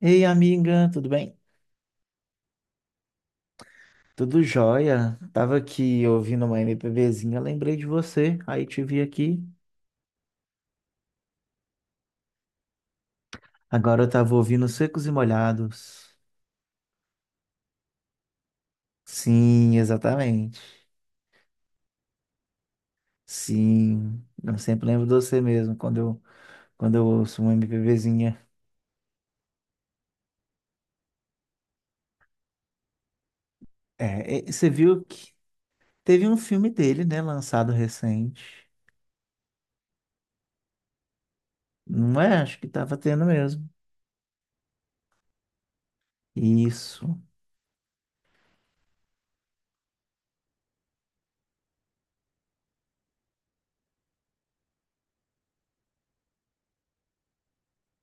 Ei, amiga, tudo bem? Tudo jóia? Tava aqui ouvindo uma MPBzinha, lembrei de você, aí te vi aqui. Agora eu tava ouvindo Secos e Molhados. Sim, exatamente. Sim, eu sempre lembro de você mesmo quando eu ouço uma MPBzinha. É, e você viu que teve um filme dele, né, lançado recente. Não é? Acho que tava tendo mesmo. Isso.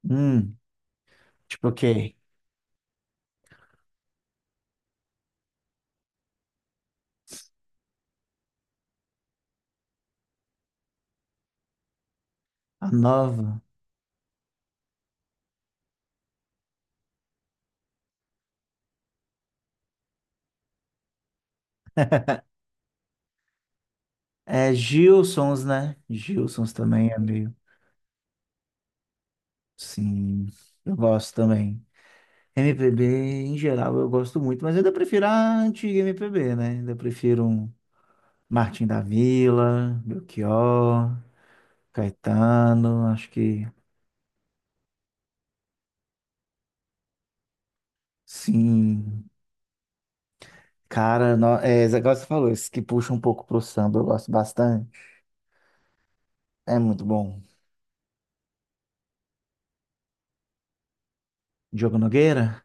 Hum, tipo o quê? A nova. É Gilsons, né? Gilsons também é meio. Sim, eu gosto também. MPB em geral eu gosto muito, mas ainda prefiro a antiga MPB, né? Ainda prefiro um Martin da Vila, Belchior, Caetano, acho que sim. Cara, no... é, esse negócio que você falou, esse que puxa um pouco pro samba, eu gosto bastante. É muito bom. Diogo Nogueira?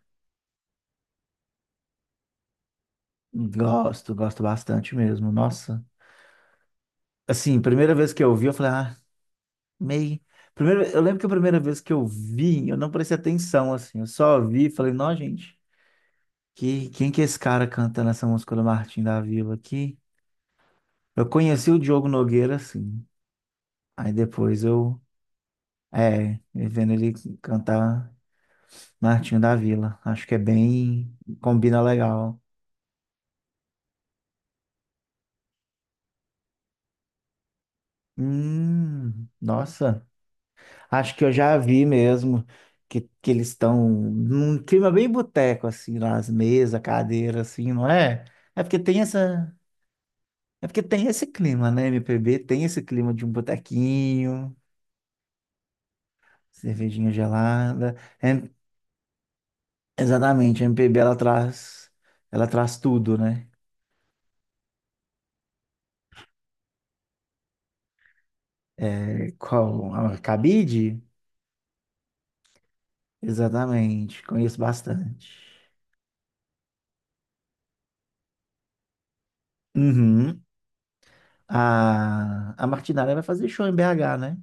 Gosto, gosto bastante mesmo. Nossa. Assim, primeira vez que eu ouvi, eu falei, ah. Meio. Primeiro, eu lembro que a primeira vez que eu vi, eu não prestei atenção, assim. Eu só vi e falei, não, gente, quem que é esse cara cantando essa música do Martim da Vila aqui? Eu conheci o Diogo Nogueira, assim. Aí depois eu, é, vendo ele cantar Martinho da Vila. Acho que é bem, combina legal. Nossa. Acho que eu já vi mesmo que eles estão num clima bem boteco, assim, nas mesas, cadeira, assim, não é? É porque tem essa. É porque tem esse clima, né? MPB tem esse clima de um botequinho, cervejinha gelada. É, exatamente, a MPB ela traz tudo, né? É, qual, a cabide? Exatamente, conheço bastante. Uhum. A Martinália vai fazer show em BH, né?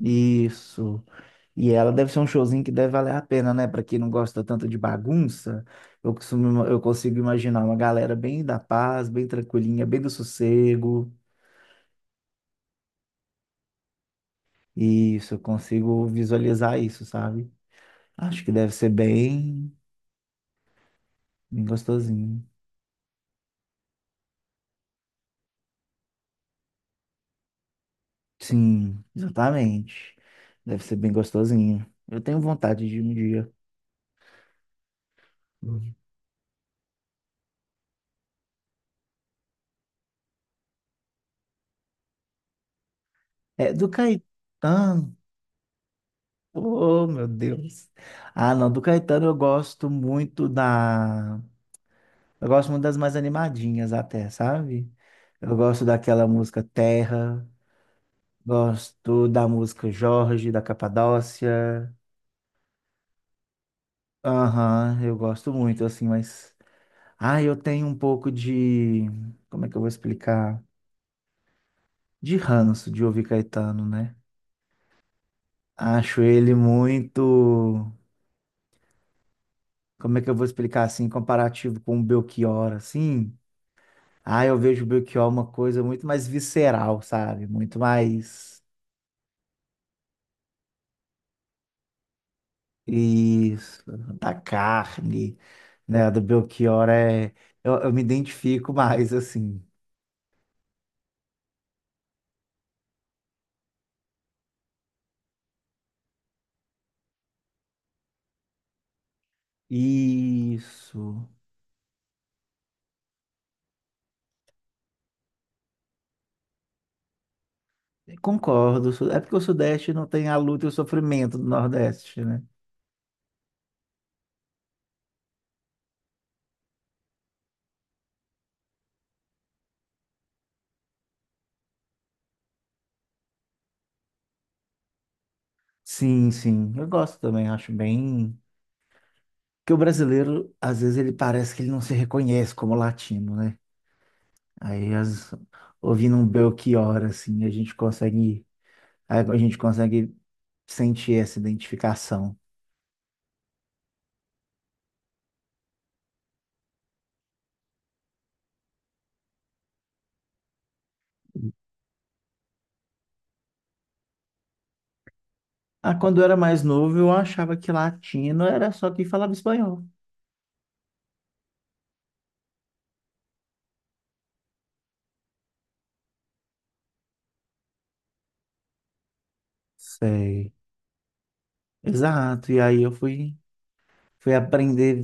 Isso. E ela deve ser um showzinho que deve valer a pena, né? Pra quem não gosta tanto de bagunça, eu costumo, eu consigo imaginar uma galera bem da paz, bem tranquilinha, bem do sossego. Isso, eu consigo visualizar isso, sabe? Acho que deve ser bem, bem gostosinho. Sim, exatamente. Deve ser bem gostosinho. Eu tenho vontade de um dia. Uhum. É, do Caetano. Oh, meu Deus. Ah, não, do Caetano eu gosto muito da. Eu gosto muito das mais animadinhas até, sabe? Eu gosto daquela música Terra, gosto da música Jorge, da Capadócia. Aham, eu gosto muito, assim, mas. Ah, eu tenho um pouco de. Como é que eu vou explicar? De ranço de ouvir Caetano, né? Acho ele muito. Como é que eu vou explicar assim, comparativo com o Belchior, assim? Ah, eu vejo o Belchior uma coisa muito mais visceral, sabe? Muito mais. Isso, da carne, né? A do Belchior é. Eu me identifico mais, assim. Isso. Concordo. É porque o Sudeste não tem a luta e o sofrimento do Nordeste, né? Sim, sim. Eu gosto também, acho bem. Porque o brasileiro, às vezes, ele parece que ele não se reconhece como latino, né? Aí, as... ouvindo um Belchior, assim, a gente consegue. A gente consegue sentir essa identificação. Ah, quando eu era mais novo, eu achava que latino era só quem falava espanhol. Sei. Exato. Fui aprender.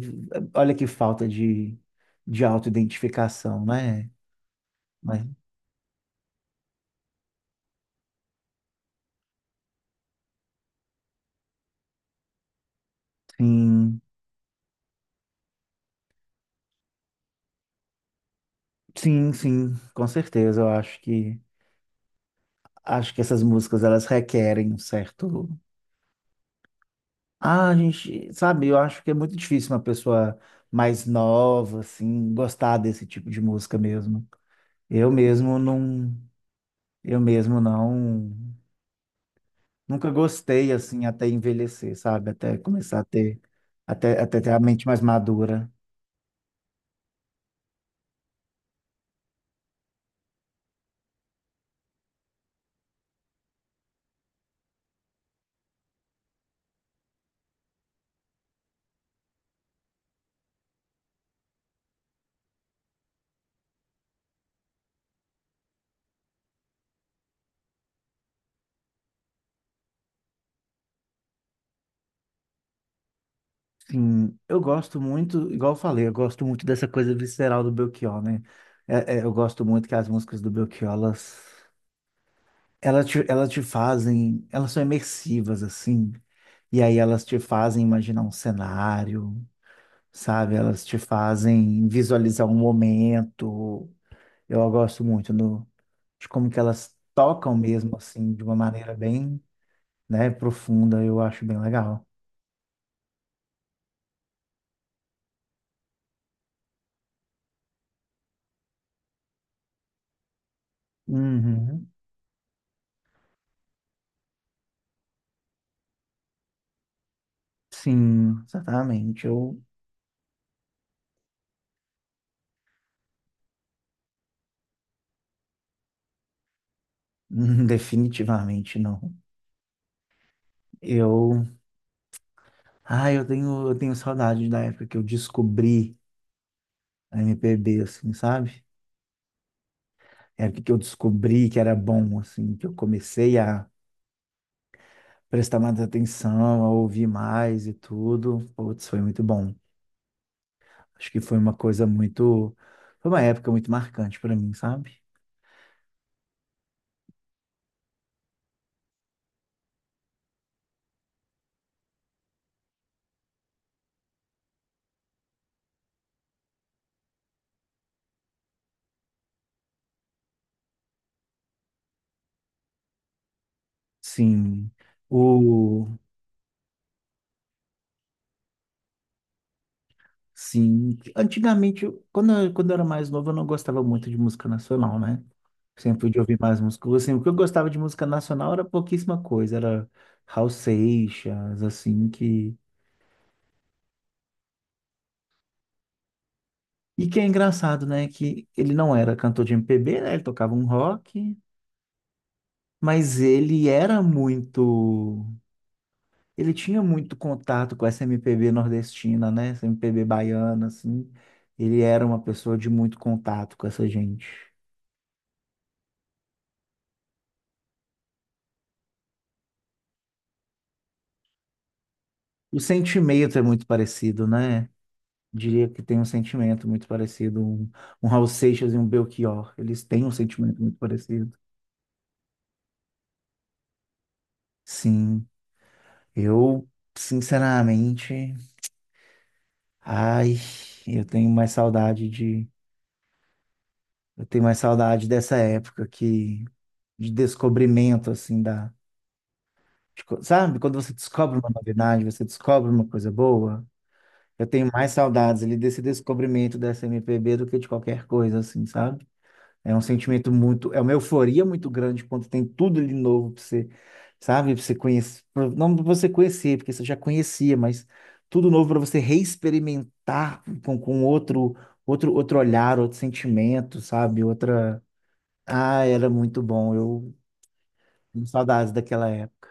Olha que falta de autoidentificação, né? Mas, sim, sim, com certeza. Eu acho que essas músicas elas requerem um certo. Ah, a gente, sabe, eu acho que é muito difícil uma pessoa mais nova, assim, gostar desse tipo de música mesmo. Eu mesmo não, eu mesmo não. Nunca gostei assim até envelhecer, sabe? Até começar a ter até ter a mente mais madura. Sim, eu gosto muito, igual eu falei, eu gosto muito dessa coisa visceral do Belchior, né? É, eu gosto muito que as músicas do Belchior, elas te fazem, elas são imersivas, assim. E aí elas te fazem imaginar um cenário, sabe? Elas te fazem visualizar um momento. Eu gosto muito no, de como que elas tocam mesmo, assim, de uma maneira bem né, profunda, eu acho bem legal. Uhum. Sim, exatamente. Eu definitivamente não. Eu, eu tenho saudade da época que eu descobri a MPB, assim, sabe? É a época que eu descobri que era bom, assim, que eu comecei a prestar mais atenção, a ouvir mais e tudo. Putz, foi muito bom. Acho que foi uma coisa muito, foi uma época muito marcante para mim, sabe? Sim. O... Sim. Antigamente, quando eu era mais novo, eu não gostava muito de música nacional, né? Sempre fui de ouvir mais música. Assim, o que eu gostava de música nacional era pouquíssima coisa. Era Raul Seixas, assim, que... E que é engraçado, né? Que ele não era cantor de MPB, né? Ele tocava um rock, mas ele era muito... ele tinha muito contato com essa MPB nordestina, né? Essa MPB baiana, assim. Ele era uma pessoa de muito contato com essa gente. O sentimento é muito parecido, né? Diria que tem um sentimento muito parecido. Um Raul Seixas e um Belchior. Eles têm um sentimento muito parecido. Sim, eu, sinceramente, ai, eu tenho mais saudade de. Eu tenho mais saudade de descobrimento, assim, da. Tipo, sabe, quando você descobre uma novidade, você descobre uma coisa boa, eu tenho mais saudades ali desse descobrimento dessa MPB do que de qualquer coisa, assim, sabe? É um sentimento muito, é uma euforia muito grande quando tem tudo de novo pra você, sabe? Pra você conhecer, pra- não pra você conhecer, porque você já conhecia, mas tudo novo para você reexperimentar com outro, outro olhar, outro sentimento, sabe? Outra. Ah, era muito bom, eu tenho saudades daquela época.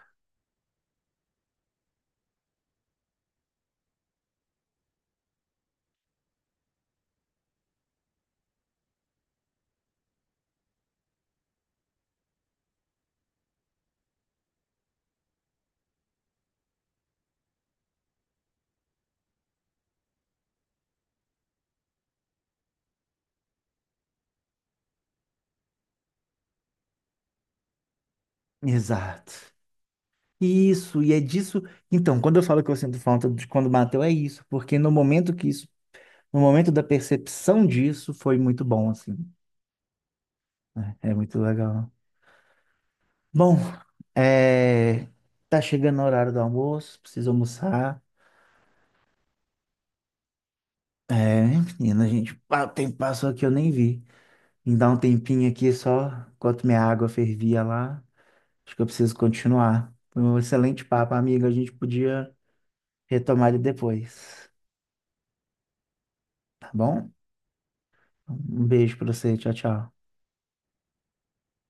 Exato. Isso, e é disso. Então, quando eu falo que eu sinto falta de quando bateu, é isso, porque no momento da percepção disso, foi muito bom, assim. É muito legal. Bom, é, tá chegando o horário do almoço, preciso almoçar. É, menina, a gente, ah, o tempo passou aqui, eu nem vi. Me dá um tempinho aqui só, enquanto minha água fervia lá. Acho que eu preciso continuar. Foi um excelente papo, amiga. A gente podia retomar ele depois, tá bom? Um beijo pra você, tchau, tchau.